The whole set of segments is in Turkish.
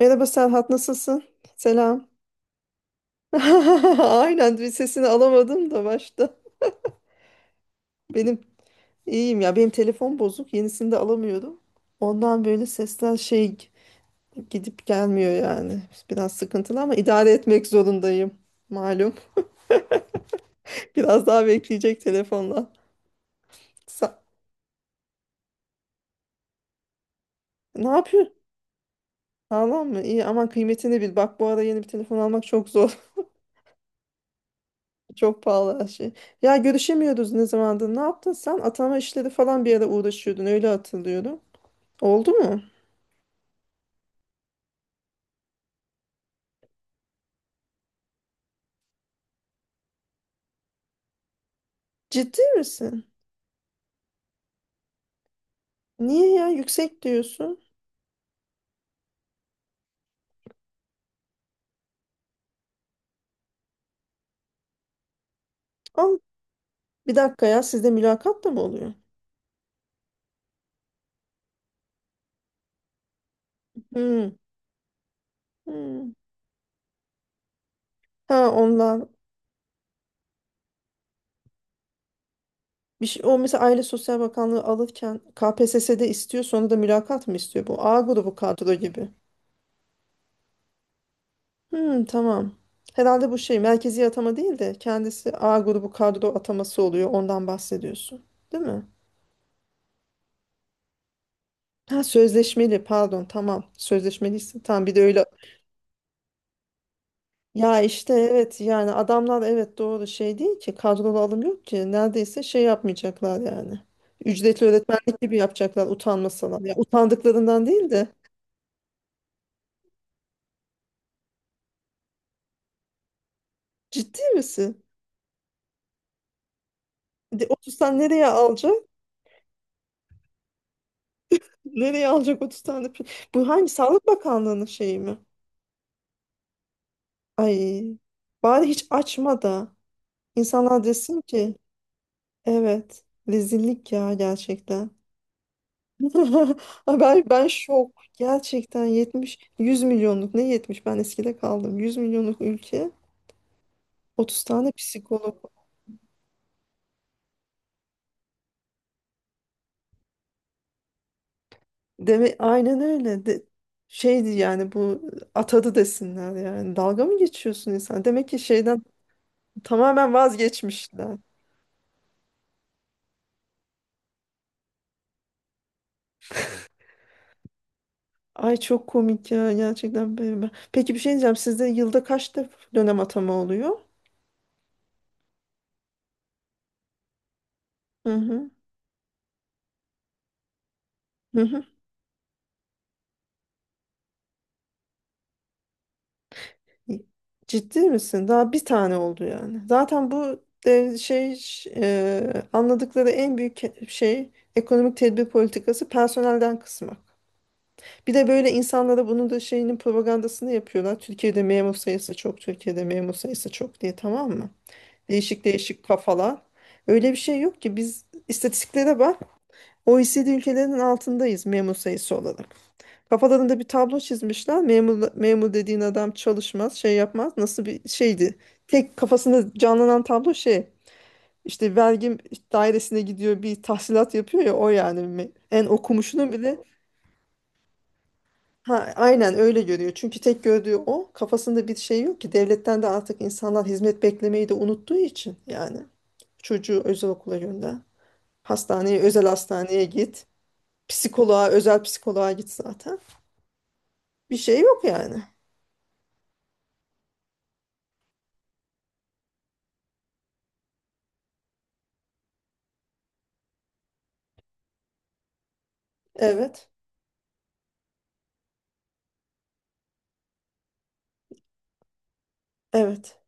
Merhaba Serhat, nasılsın? Selam. Aynen bir sesini alamadım da başta. Benim iyiyim ya. Benim telefon bozuk. Yenisini de alamıyorum. Ondan böyle sesler şey gidip gelmiyor yani. Biraz sıkıntılı ama idare etmek zorundayım. Malum. Biraz daha bekleyecek telefonla. Sa- Ne yapıyor? Sağlam mı? İyi aman kıymetini bil. Bak bu ara yeni bir telefon almak çok zor. Çok pahalı her şey. Ya görüşemiyoruz ne zamandır. Ne yaptın sen? Atama işleri falan bir ara uğraşıyordun. Öyle hatırlıyorum. Oldu mu? Ciddi misin? Niye ya yüksek diyorsun? Al bir dakika ya, sizde mülakat da mı oluyor? Hmm. Hmm. Ha, onlar bir şey, o mesela Aile Sosyal Bakanlığı alırken KPSS'de istiyor sonra da mülakat mı istiyor bu? A grubu kadro gibi. Hmm, tamam. Herhalde bu şey merkezi atama değil de kendisi A grubu kadro ataması oluyor, ondan bahsediyorsun. Değil mi? Ha, sözleşmeli, pardon, tamam, sözleşmeliyse tamam, bir de öyle. Ya işte evet, yani adamlar evet, doğru, şey değil ki kadrolu alım yok ki neredeyse, şey yapmayacaklar yani. Ücretli öğretmenlik gibi yapacaklar utanmasalar. Ya utandıklarından değil de ciddi misin? De, 30 tane nereye alacak? Nereye alacak 30 tane? Bu hangi Sağlık Bakanlığı'nın şeyi mi? Ay, bari hiç açma da insanlar desin ki, evet, rezillik ya gerçekten. Ben şok. Gerçekten 70 100 milyonluk, ne 70, ben eskide kaldım. 100 milyonluk ülke 30 tane psikolog. Deme aynen öyle. De, şeydi yani bu atadı desinler yani. Dalga mı geçiyorsun insan? Demek ki şeyden tamamen vazgeçmişler. Ay çok komik ya gerçekten. Böyle. Peki bir şey diyeceğim. Sizde yılda kaç dönem atama oluyor? Hı hı. Hı hı. Ciddi misin? Daha bir tane oldu yani. Zaten bu şey, anladıkları en büyük şey, ekonomik tedbir politikası personelden kısmak. Bir de böyle insanlara bunun da şeyinin propagandasını yapıyorlar. Türkiye'de memur sayısı çok, Türkiye'de memur sayısı çok diye, tamam mı? Değişik değişik kafalar. Öyle bir şey yok ki, biz istatistiklere bak. O OECD ülkelerinin altındayız memur sayısı olarak. Kafalarında bir tablo çizmişler. Memur, memur dediğin adam çalışmaz, şey yapmaz. Nasıl bir şeydi? Tek kafasında canlanan tablo şey. İşte vergi dairesine gidiyor bir tahsilat yapıyor ya, o yani, en okumuşunu bile, ha, aynen öyle görüyor. Çünkü tek gördüğü o, kafasında bir şey yok ki, devletten de artık insanlar hizmet beklemeyi de unuttuğu için yani, çocuğu özel okula gönder. Hastaneye, özel hastaneye git. Psikoloğa, özel psikoloğa git zaten. Bir şey yok yani. Evet. Evet.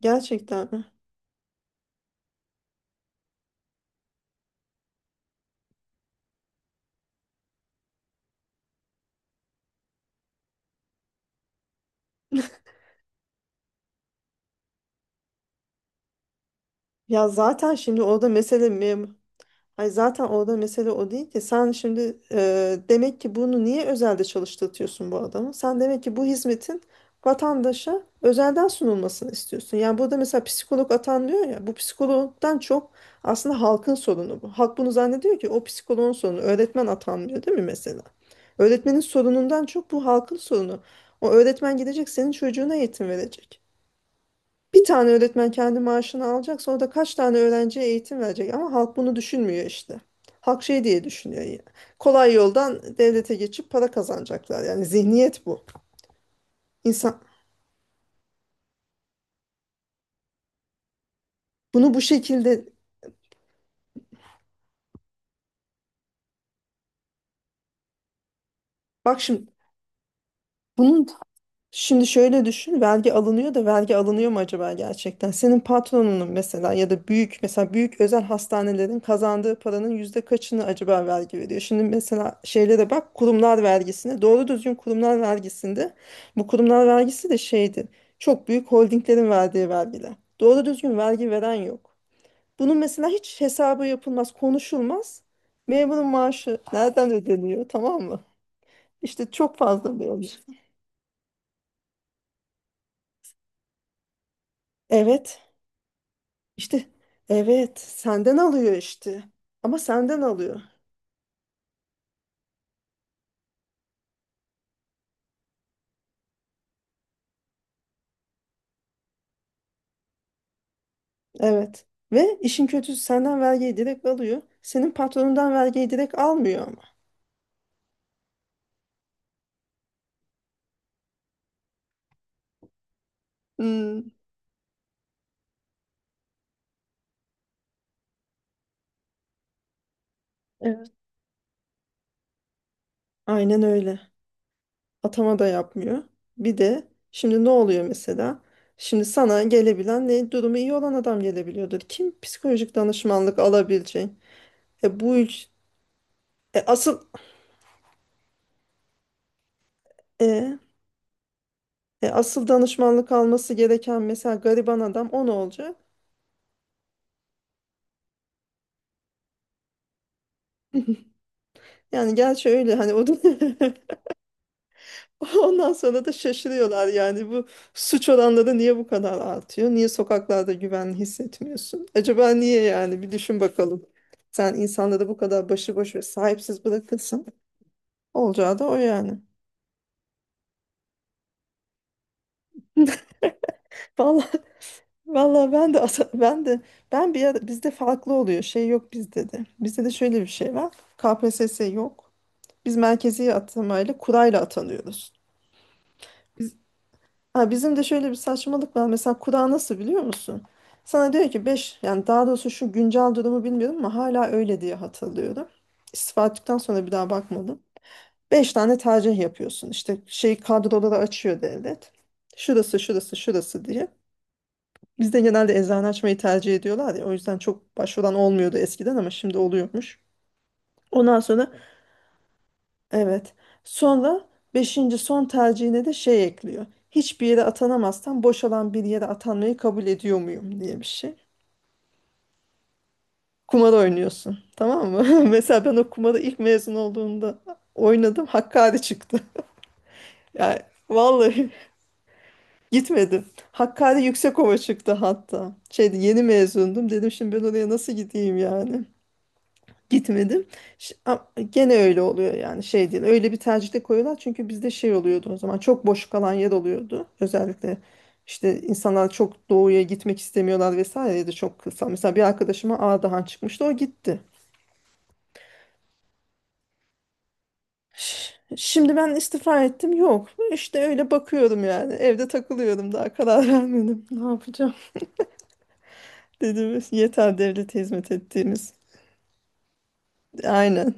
Gerçekten mi? Ya zaten şimdi orada mesele. Ay, zaten orada mesele o değil ki. Sen şimdi, demek ki bunu niye özelde çalıştırtıyorsun bu adamı? Sen demek ki bu hizmetin vatandaşa özelden sunulmasını istiyorsun. Yani burada mesela psikolog atanıyor ya. Bu psikologdan çok aslında halkın sorunu bu. Halk bunu zannediyor ki o psikoloğun sorunu. Öğretmen atanmıyor değil mi mesela? Öğretmenin sorunundan çok bu halkın sorunu. O öğretmen gidecek senin çocuğuna eğitim verecek. Bir tane öğretmen kendi maaşını alacak, sonra da kaç tane öğrenciye eğitim verecek, ama halk bunu düşünmüyor işte. Halk şey diye düşünüyor ya. Kolay yoldan devlete geçip para kazanacaklar. Yani zihniyet bu. İnsan bunu bu şekilde... Bak şimdi bunun... Şimdi şöyle düşün, vergi alınıyor da vergi alınıyor mu acaba gerçekten? Senin patronunun mesela, ya da büyük, mesela büyük özel hastanelerin kazandığı paranın yüzde kaçını acaba vergi veriyor? Şimdi mesela şeylere bak, kurumlar vergisine, doğru düzgün kurumlar vergisinde, bu kurumlar vergisi de şeydi, çok büyük holdinglerin verdiği vergiler. Doğru düzgün vergi veren yok. Bunun mesela hiç hesabı yapılmaz, konuşulmaz. Memurun maaşı nereden ödeniyor, tamam mı? İşte çok fazla bir olmuş. Evet. İşte evet, senden alıyor işte. Ama senden alıyor. Evet. Ve işin kötüsü senden vergiyi direkt alıyor. Senin patronundan vergiyi direkt almıyor ama. Hmm, evet. Aynen öyle. Atama da yapmıyor. Bir de şimdi ne oluyor mesela? Şimdi sana gelebilen, ne, durumu iyi olan adam gelebiliyordur. Kim psikolojik danışmanlık alabilecek? E bu ülke, asıl e, danışmanlık alması gereken mesela gariban adam, o ne olacak? Yani gerçi öyle hani o... Ondan sonra da şaşırıyorlar yani, bu suç oranları niye bu kadar artıyor? Niye sokaklarda güven hissetmiyorsun? Acaba niye, yani bir düşün bakalım. Sen insanları bu kadar başıboş ve sahipsiz bırakırsın. Olacağı da o yani. Vallahi vallahi ben de ben de ben bir ara bizde farklı oluyor. Şey yok bizde de. Bizde de şöyle bir şey var. KPSS yok. Biz merkezi atamayla kurayla atanıyoruz. Ha, bizim de şöyle bir saçmalık var. Mesela kura nasıl biliyor musun? Sana diyor ki beş, yani daha doğrusu şu güncel durumu bilmiyorum ama hala öyle diye hatırlıyorum. İstifa ettikten sonra bir daha bakmadım. 5 tane tercih yapıyorsun. İşte şey kadroları açıyor devlet. Şurası, şurası, şurası diye. Bizde genelde eczane açmayı tercih ediyorlar ya. O yüzden çok başvuran olmuyordu eskiden ama şimdi oluyormuş. Ondan sonra... Evet. Sonra beşinci son tercihine de şey ekliyor. Hiçbir yere atanamazsan boşalan bir yere atanmayı kabul ediyor muyum diye bir şey. Kumar oynuyorsun. Tamam mı? Mesela ben o kumarı ilk mezun olduğumda oynadım. Hakkari çıktı. Yani vallahi gitmedim. Hakkari Yüksekova çıktı hatta. Şeydi, yeni mezundum. Dedim şimdi ben oraya nasıl gideyim yani. Gitmedim. Ş- a- Gene öyle oluyor yani, şey değil. Öyle bir tercihte koyuyorlar çünkü bizde şey oluyordu o zaman, çok boş kalan yer oluyordu. Özellikle işte insanlar çok doğuya gitmek istemiyorlar vesaire, ya da çok kısa. Mesela bir arkadaşıma Ağdahan çıkmıştı, o gitti. Şimdi ben istifa ettim yok. İşte öyle bakıyorum yani, evde takılıyorum, daha karar vermedim. Ne yapacağım dedim, yeter devlete hizmet ettiğimiz. Aynen.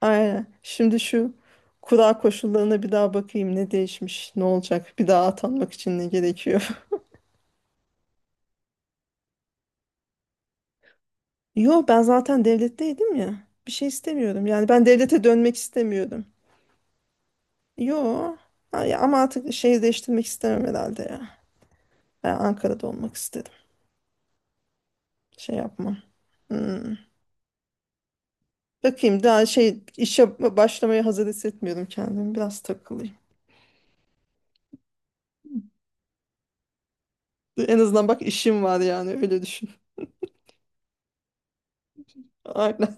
Aynen. Şimdi şu kura koşullarına bir daha bakayım, ne değişmiş, ne olacak, bir daha atanmak için ne gerekiyor. Yo, ben zaten devletteydim ya. Bir şey istemiyordum. Yani ben devlete dönmek istemiyordum. Yo. Ha, ya ama artık şehir değiştirmek istemem herhalde ya. Ben Ankara'da olmak istedim. Şey yapmam. Hmm. Bakayım, daha şey, işe başlamaya hazır hissetmiyorum kendimi. Biraz takılayım. En azından bak işim var yani, öyle düşün. Aynen.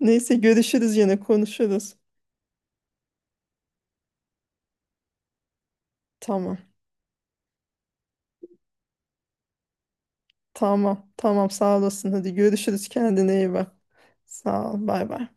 Neyse, görüşürüz, yine konuşuruz. Tamam. Tamam, tamam sağ olasın. Hadi görüşürüz. Kendine iyi bak. Sağ ol. Bay bay.